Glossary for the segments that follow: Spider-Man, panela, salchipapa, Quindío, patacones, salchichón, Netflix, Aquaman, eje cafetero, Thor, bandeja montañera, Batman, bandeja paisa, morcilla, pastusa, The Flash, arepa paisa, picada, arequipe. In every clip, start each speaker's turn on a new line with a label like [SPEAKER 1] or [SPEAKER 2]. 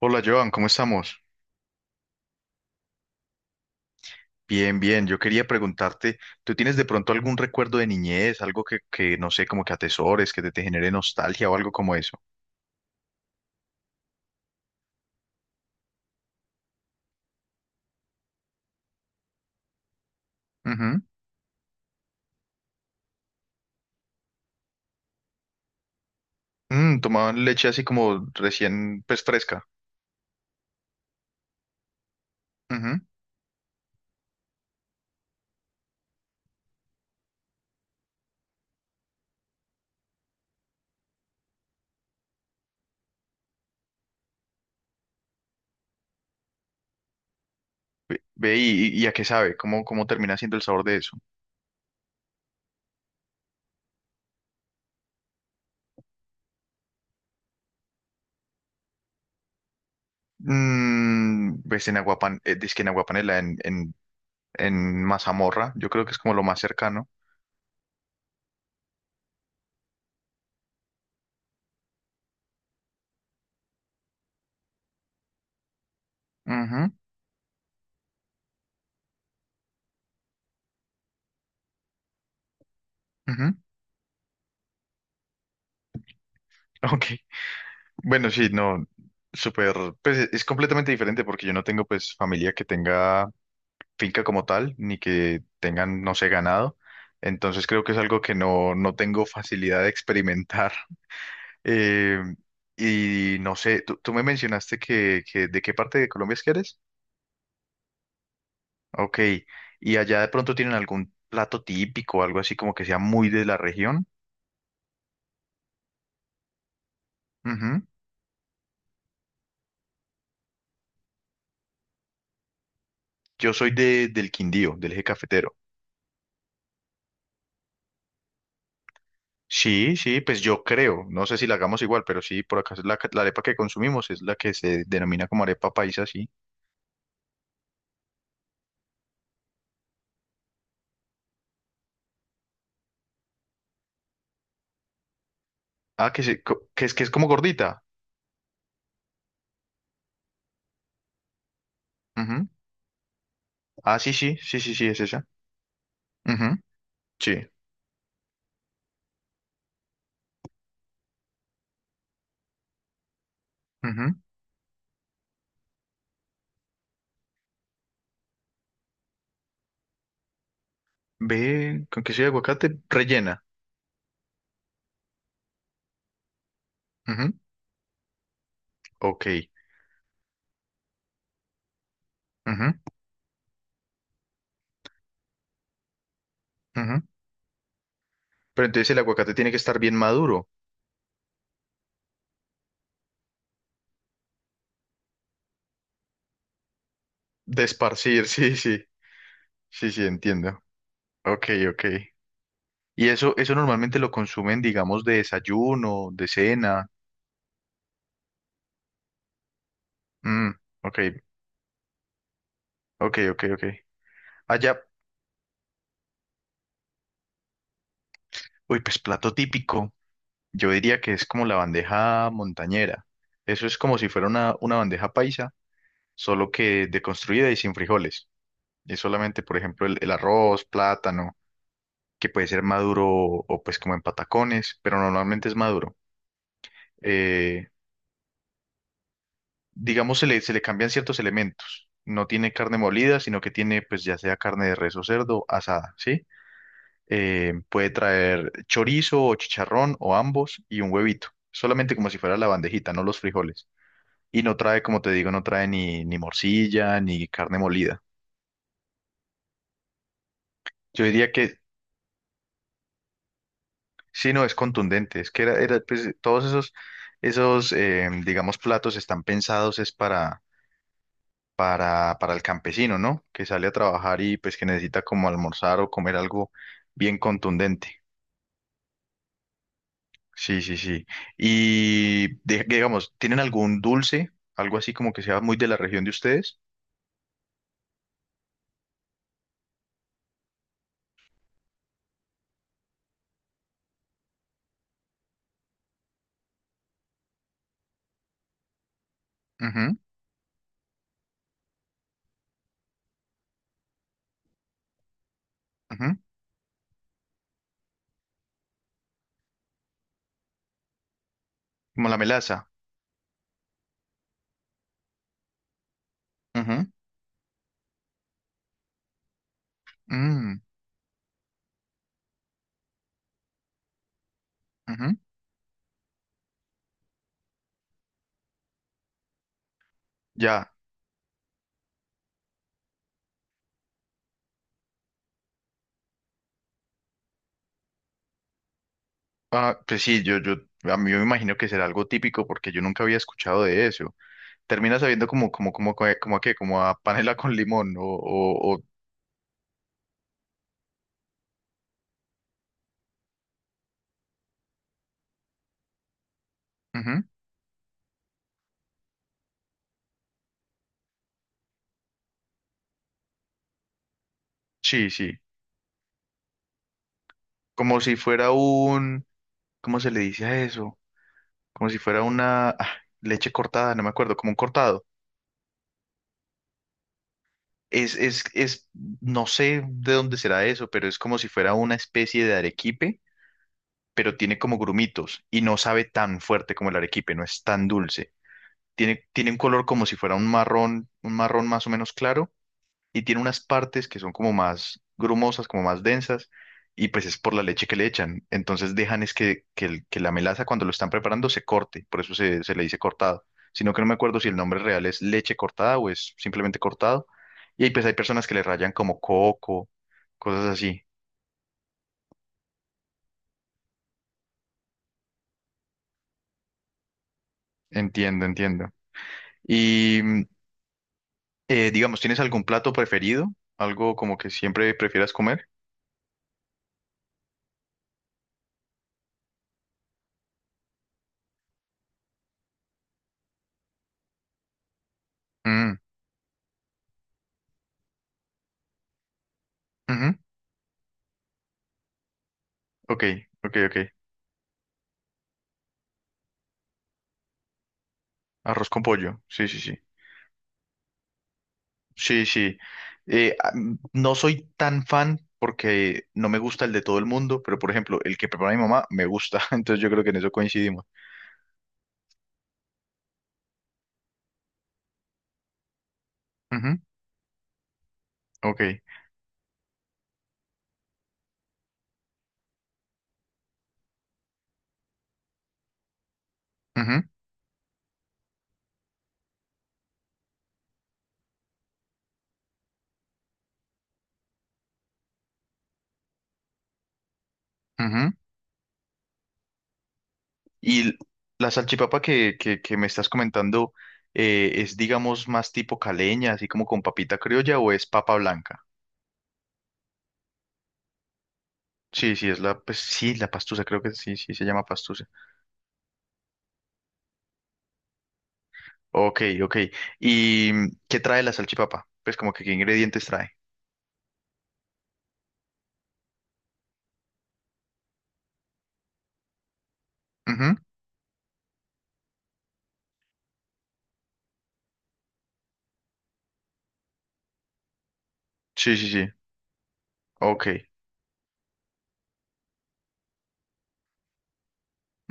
[SPEAKER 1] Hola Joan, ¿cómo estamos? Bien, bien. Yo quería preguntarte, ¿tú tienes de pronto algún recuerdo de niñez, algo que no sé, como que atesores, que te genere nostalgia o algo como eso? Ujú. Mm, tomaban leche así como recién, pues fresca. Ujú. Ve, ve y a qué sabe, ¿cómo termina siendo el sabor de eso? Mm, pues en aguapan, dizque en aguapanela, en mazamorra, yo creo que es como lo más cercano. Ujú, ujú. Ok. Bueno, sí, no, súper, pues es completamente diferente porque yo no tengo pues familia que tenga finca como tal, ni que tengan, no sé, ganado. Entonces creo que es algo que no, no tengo facilidad de experimentar. Eh, y no sé, tú me mencionaste que de qué parte de Colombia es que eres. Ok, y allá de pronto tienen algún plato típico, algo así como que sea muy de la región. Ujú. Yo soy de, del Quindío, del eje cafetero. Sí, sí, pues yo creo, no sé si la hagamos igual, pero sí, por acá es la, la arepa que consumimos es la que se denomina como arepa paisa, sí. Ah, que es como gordita. Ujú. Ah, sí, sí, sí, sí, sí, es esa. Ujú, sí. Ujú. Ve, con queso y aguacate rellena. Ujú, ok. Ujú, ujú. Pero entonces el aguacate tiene que estar bien maduro. Desparcir, sí, sí, sí, sí, entiendo. Ok, ok. Y eso normalmente lo consumen, digamos, de desayuno, de cena. Mm, ok, ok, ok, ok. Allá, uy, pues plato típico. Yo diría que es como la bandeja montañera. Eso es como si fuera una bandeja paisa, solo que deconstruida y sin frijoles. Es solamente, por ejemplo, el arroz, plátano, que puede ser maduro pues como en patacones, pero normalmente es maduro. Eh, digamos, se le cambian ciertos elementos. No tiene carne molida, sino que tiene pues ya sea carne de res o cerdo asada, ¿sí? Puede traer chorizo o chicharrón o ambos y un huevito, solamente como si fuera la bandejita, no los frijoles. Y no trae, como te digo, no trae ni morcilla ni carne molida. Yo diría que sí, no es contundente, es que pues, todos esos digamos, platos están pensados es para, para el campesino, ¿no? Que sale a trabajar y pues que necesita como almorzar o comer algo bien contundente. Sí, sí, sí. Y de- digamos, ¿tienen algún dulce? Algo así como que sea muy de la región de ustedes. Ujú, ujú. Como la melaza. Ujú, mm, ujú. Ya. Ah, pues sí, yo, a mí me imagino que será algo típico porque yo nunca había escuchado de eso. Termina sabiendo como a qué, como a panela con limón ujú. Sí, sí. Como si fuera un, ¿cómo se le dice a eso? Como si fuera una leche cortada, no me acuerdo, como un cortado. Es, es, es, no sé de dónde será eso, pero es como si fuera una especie de arequipe, pero tiene como grumitos y no sabe tan fuerte como el arequipe, no es tan dulce. Tiene un color como si fuera un marrón más o menos claro y tiene unas partes que son como más grumosas, como más densas, y pues es por la leche que le echan. Entonces dejan es que la melaza cuando lo están preparando se corte, por eso se le dice cortado. Sino que no me acuerdo si el nombre real es leche cortada o es simplemente cortado. Y ahí pues hay personas que le rayan como coco, cosas así. Entiendo, entiendo. Y digamos, ¿tienes algún plato preferido? ¿Algo como que siempre prefieras comer? Mm, ujú, ok, ok, ok. Arroz con pollo. Sí, sí, sí. Sí, sí. No soy tan fan porque no me gusta el de todo el mundo, pero por ejemplo, el que prepara mi mamá me gusta, entonces yo creo que en eso coincidimos. Ujú, ok. Ujú, ujú. Y la salchipapa que me estás comentando es, digamos, más tipo caleña, así como con papita criolla o es papa blanca. Sí, sí, es la, pues sí, la pastusa, creo que sí, sí, se llama pastusa. Ok, ok. ¿Y qué trae la salchipapa? Pues como que qué ingredientes trae. Ujú. Sí, sí, sí. Ok.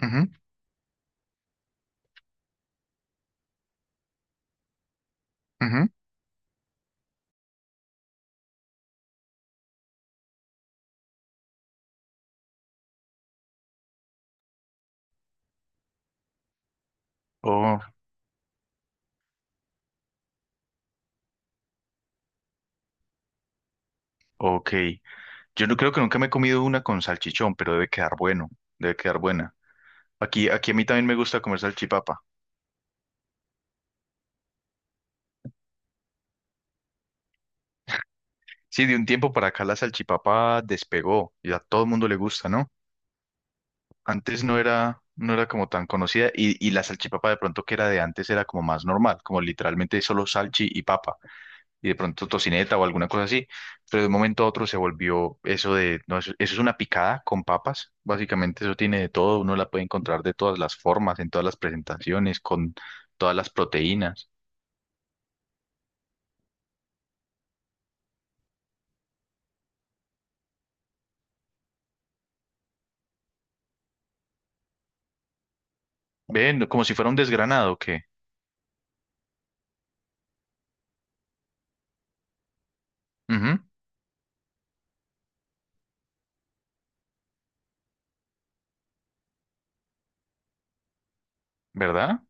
[SPEAKER 1] Ujú, ujú. Oh, ok. Yo no creo que nunca me he comido una con salchichón, pero debe quedar bueno, debe quedar buena. Aquí, a mí también me gusta comer salchipapa. Sí, de un tiempo para acá la salchipapa despegó y a todo el mundo le gusta, ¿no? Antes no era como tan conocida y la salchipapa de pronto que era de antes era como más normal, como literalmente solo salchi y papa. Y de pronto tocineta o alguna cosa así, pero de un momento a otro se volvió eso de, no, eso es una picada con papas, básicamente eso tiene de todo, uno la puede encontrar de todas las formas, en todas las presentaciones, con todas las proteínas. Ven, como si fuera un desgranado, ¿qué? Ujú, ¿verdad?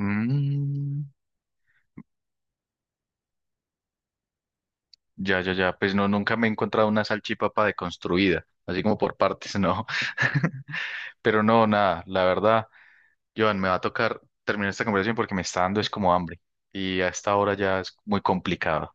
[SPEAKER 1] Mm, ya, ya, ya, pues no, nunca me he encontrado una salchipapa deconstruida, así como por partes, no. Pero no, nada, la verdad. Joan, me va a tocar terminar esta conversación porque me está dando es como hambre y a esta hora ya es muy complicado.